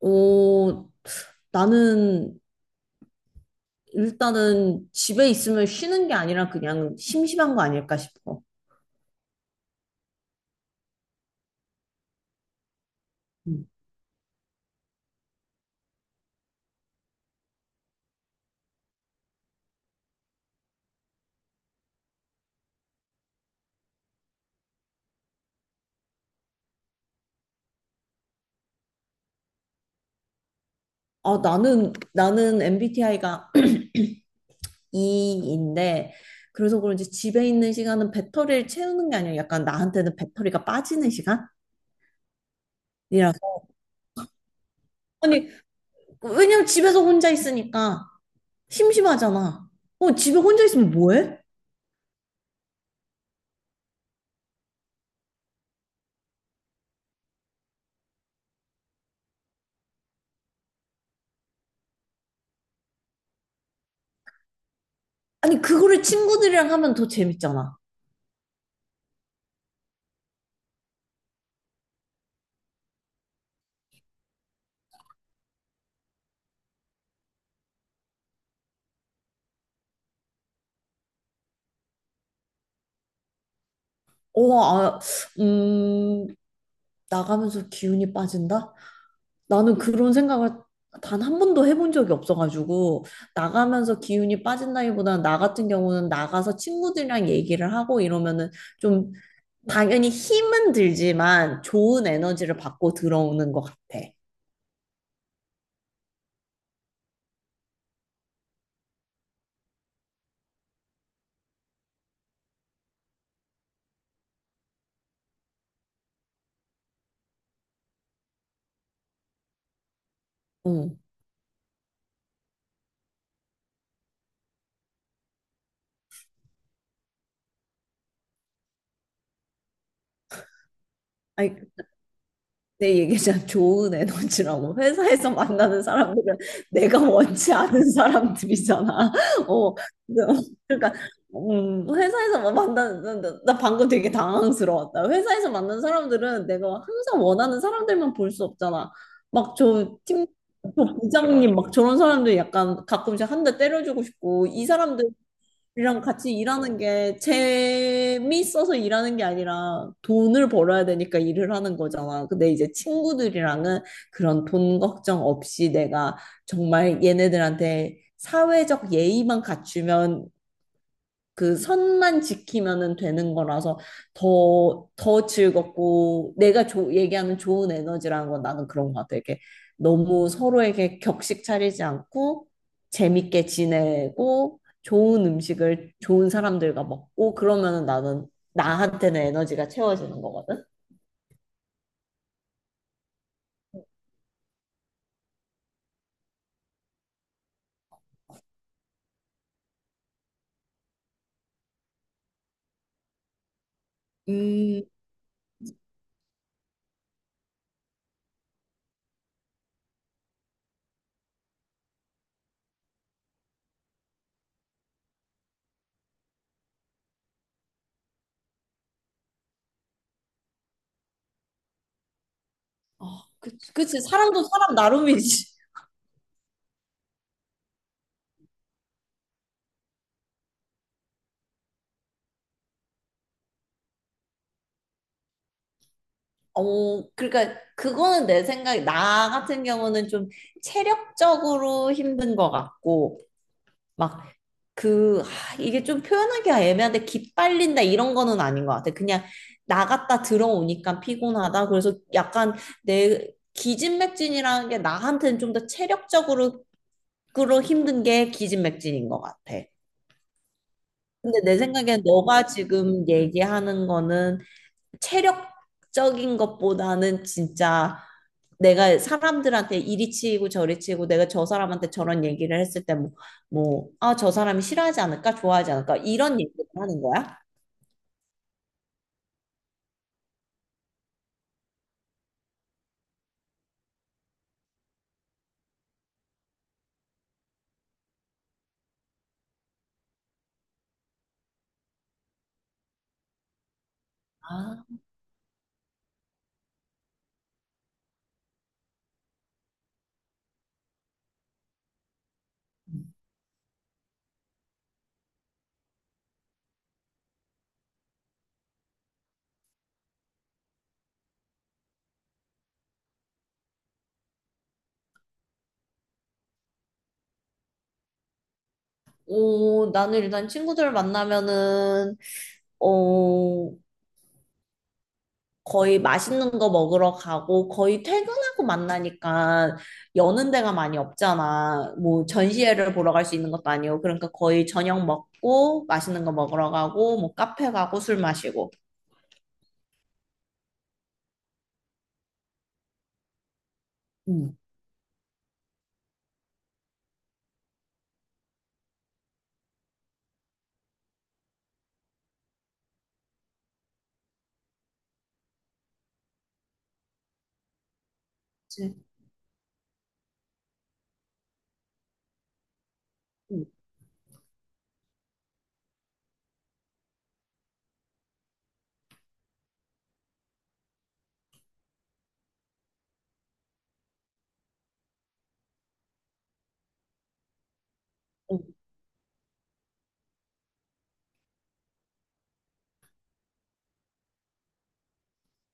어, 나는 일단은 집에 있으면 쉬는 게 아니라 그냥 심심한 거 아닐까 싶어. 음. 아, 나는 MBTI가 E인데, 그래서 그런지 집에 있는 시간은 배터리를 채우는 게 아니라 약간 나한테는 배터리가 빠지는 시간이라서. 아니, 왜냐면 집에서 혼자 있으니까 심심하잖아. 어, 집에 혼자 있으면 뭐해? 아니, 그거를 친구들이랑 하면 더 재밌잖아. 어, 아, 음, 나가면서 기운이 빠진다? 나는 그런 생각을 단 한 번도 해본 적이 없어가지고, 나가면서 기운이 빠진다기보다는 나 같은 경우는 나가서 친구들이랑 얘기를 하고 이러면은 좀, 당연히 힘은 들지만 좋은 에너지를 받고 들어오는 것 같아. 응. 내 얘기잖아. 좋은 에너지라고. 회사에서 만나는 사람들은 내가 원치 않은 사람들이잖아. 어, 그러니까, 회사에서 뭐 만나는, 나 방금 되게 당황스러웠다. 회사에서 만나는 사람들은 내가 항상 원하는 사람들만 볼 수 없잖아. 막 저 팀, 저 부장님, 막 저런 사람들 약간 가끔씩 한 대 때려주고 싶고, 이 사람들 이랑 같이 일하는 게 재미있어서 일하는 게 아니라 돈을 벌어야 되니까 일을 하는 거잖아. 근데 이제 친구들이랑은 그런 돈 걱정 없이 내가 정말 얘네들한테 사회적 예의만 갖추면, 그 선만 지키면은 되는 거라서 더 즐겁고, 내가 얘기하는 좋은 에너지라는 건 나는 그런 것 같아. 이게 너무 서로에게 격식 차리지 않고 재밌게 지내고 좋은 음식을 좋은 사람들과 먹고 그러면은 나는, 나한테는 에너지가 채워지는 거거든. 음, 아, 그치, 그치, 사람도 사람 나름이지. 어, 그러니까 그거는 내 생각에 나 같은 경우는 좀 체력적으로 힘든 것 같고, 막 그, 아, 이게 좀 표현하기가 애매한데, 기빨린다, 이런 거는 아닌 것 같아. 그냥 나갔다 들어오니까 피곤하다. 그래서 약간 내, 기진맥진이라는 게 나한테는 좀 더 체력적으로 그로 힘든 게 기진맥진인 것 같아. 근데 내 생각엔 너가 지금 얘기하는 거는 체력적인 것보다는 진짜 내가 사람들한테 이리 치이고 저리 치이고 내가 저 사람한테 저런 얘기를 했을 때 뭐, 뭐, 아, 저 사람이 싫어하지 않을까, 좋아하지 않을까, 이런 얘기를 하는 거야? 아, 오, 나는 일단 친구들 만나면은, 어, 거의 맛있는 거 먹으러 가고, 거의 퇴근하고 만나니까 여는 데가 많이 없잖아. 뭐 전시회를 보러 갈 수 있는 것도 아니고, 그러니까 거의 저녁 먹고 맛있는 거 먹으러 가고 뭐 카페 가고 술 마시고. 음. 그치? 응, 응.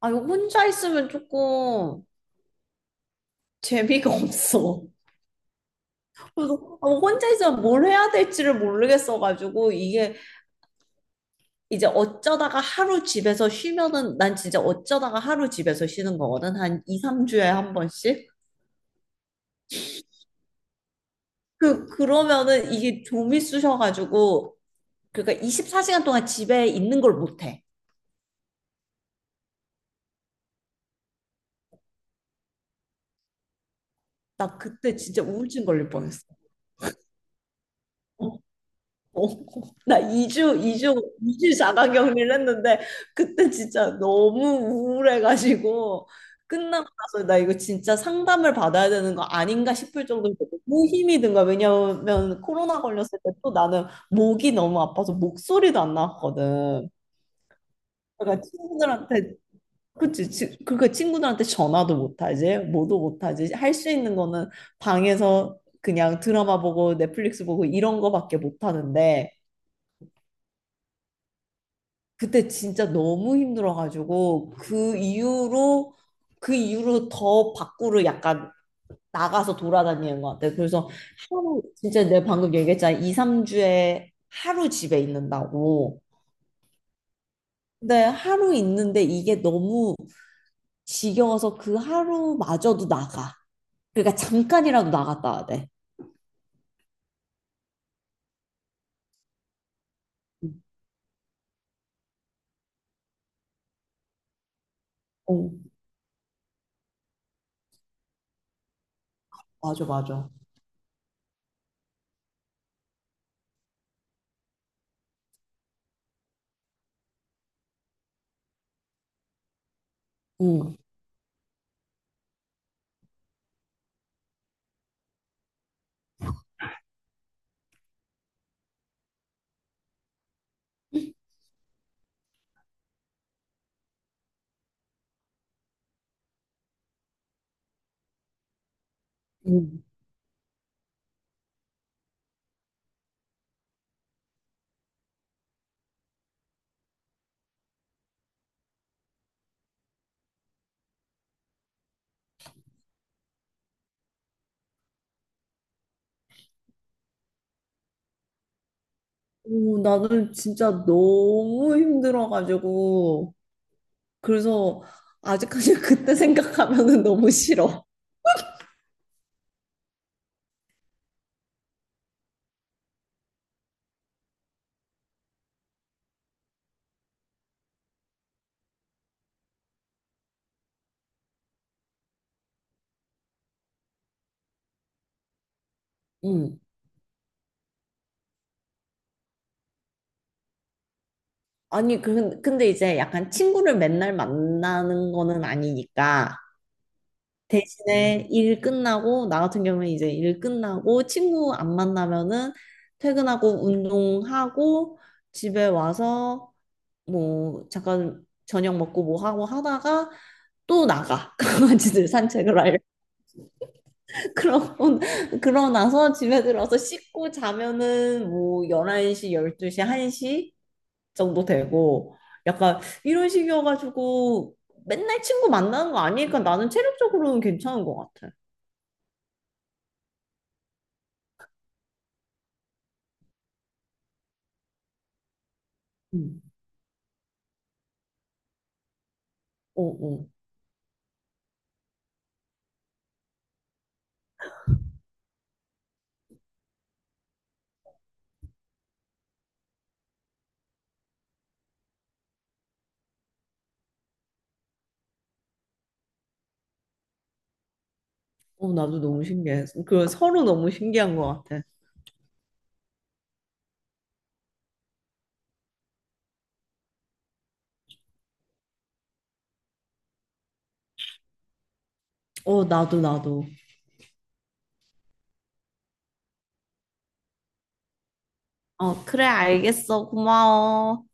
아, 이거 혼자 있으면 조금 재미가 없어. 그래서 아, 혼자 있으면 뭘 해야 될지를 모르겠어가지고, 이게 이제 어쩌다가 하루 집에서 쉬면은, 난 진짜 어쩌다가 하루 집에서 쉬는 거거든. 한 2, 3주에 한 번씩. 그러면은 이게 좀미 쑤셔가지고, 그러니까 24시간 동안 집에 있는 걸 못해. 나 그때 진짜 우울증 걸릴 뻔했어. 어, 어. 나 2주, 2주, 2주 자가 격리를 했는데, 그때 진짜 너무 우울해가지고, 끝나고 나서 나 이거 진짜 상담을 받아야 되는 거 아닌가 싶을 정도로 너무 힘이 든 거야. 왜냐면 코로나 걸렸을 때 또 나는 목이 너무 아파서 목소리도 안 나왔거든. 그러니까 친구들한테 그러니까 친구들한테 전화도 못하지, 뭐도 못하지. 할 수 있는 거는 방에서 그냥 드라마 보고 넷플릭스 보고 이런 거밖에 못하는데, 그때 진짜 너무 힘들어가지고, 그 이후로 더 밖으로 약간 나가서 돌아다니는 것 같아. 그래서 하루, 진짜 내가 방금 얘기했잖아. 2, 3주에 하루 집에 있는다고. 근데 하루 있는데 이게 너무 지겨워서 그 하루마저도 나가. 그러니까 잠깐이라도 나갔다 와야 돼. 어, 맞아, 맞아. 응. 응. 오, 나는 진짜 너무 힘들어가지고. 그래서 아직까지 그때 생각하면은 너무 싫어. 응. 아니, 그, 근데 이제 약간 친구를 맨날 만나는 거는 아니니까. 대신에 일 끝나고, 나 같은 경우는 이제 일 끝나고 친구 안 만나면은, 퇴근하고, 운동하고, 집에 와서 뭐 잠깐 저녁 먹고 뭐 하고 하다가, 또 나가 강아지들 산책을 할 그러고, 그러고 나서 집에 들어서 씻고 자면은 뭐 11시, 12시, 1시 정도 되고 약간 이런 식이어가지고, 맨날 친구 만나는 거 아니니까 나는 체력적으로는 괜찮은 것 같아. 음. 어, 어. 어, 나도 너무 신기해. 그 서로 너무 신기한 것 같아. 어, 나도, 나도. 어, 그래, 알겠어. 고마워.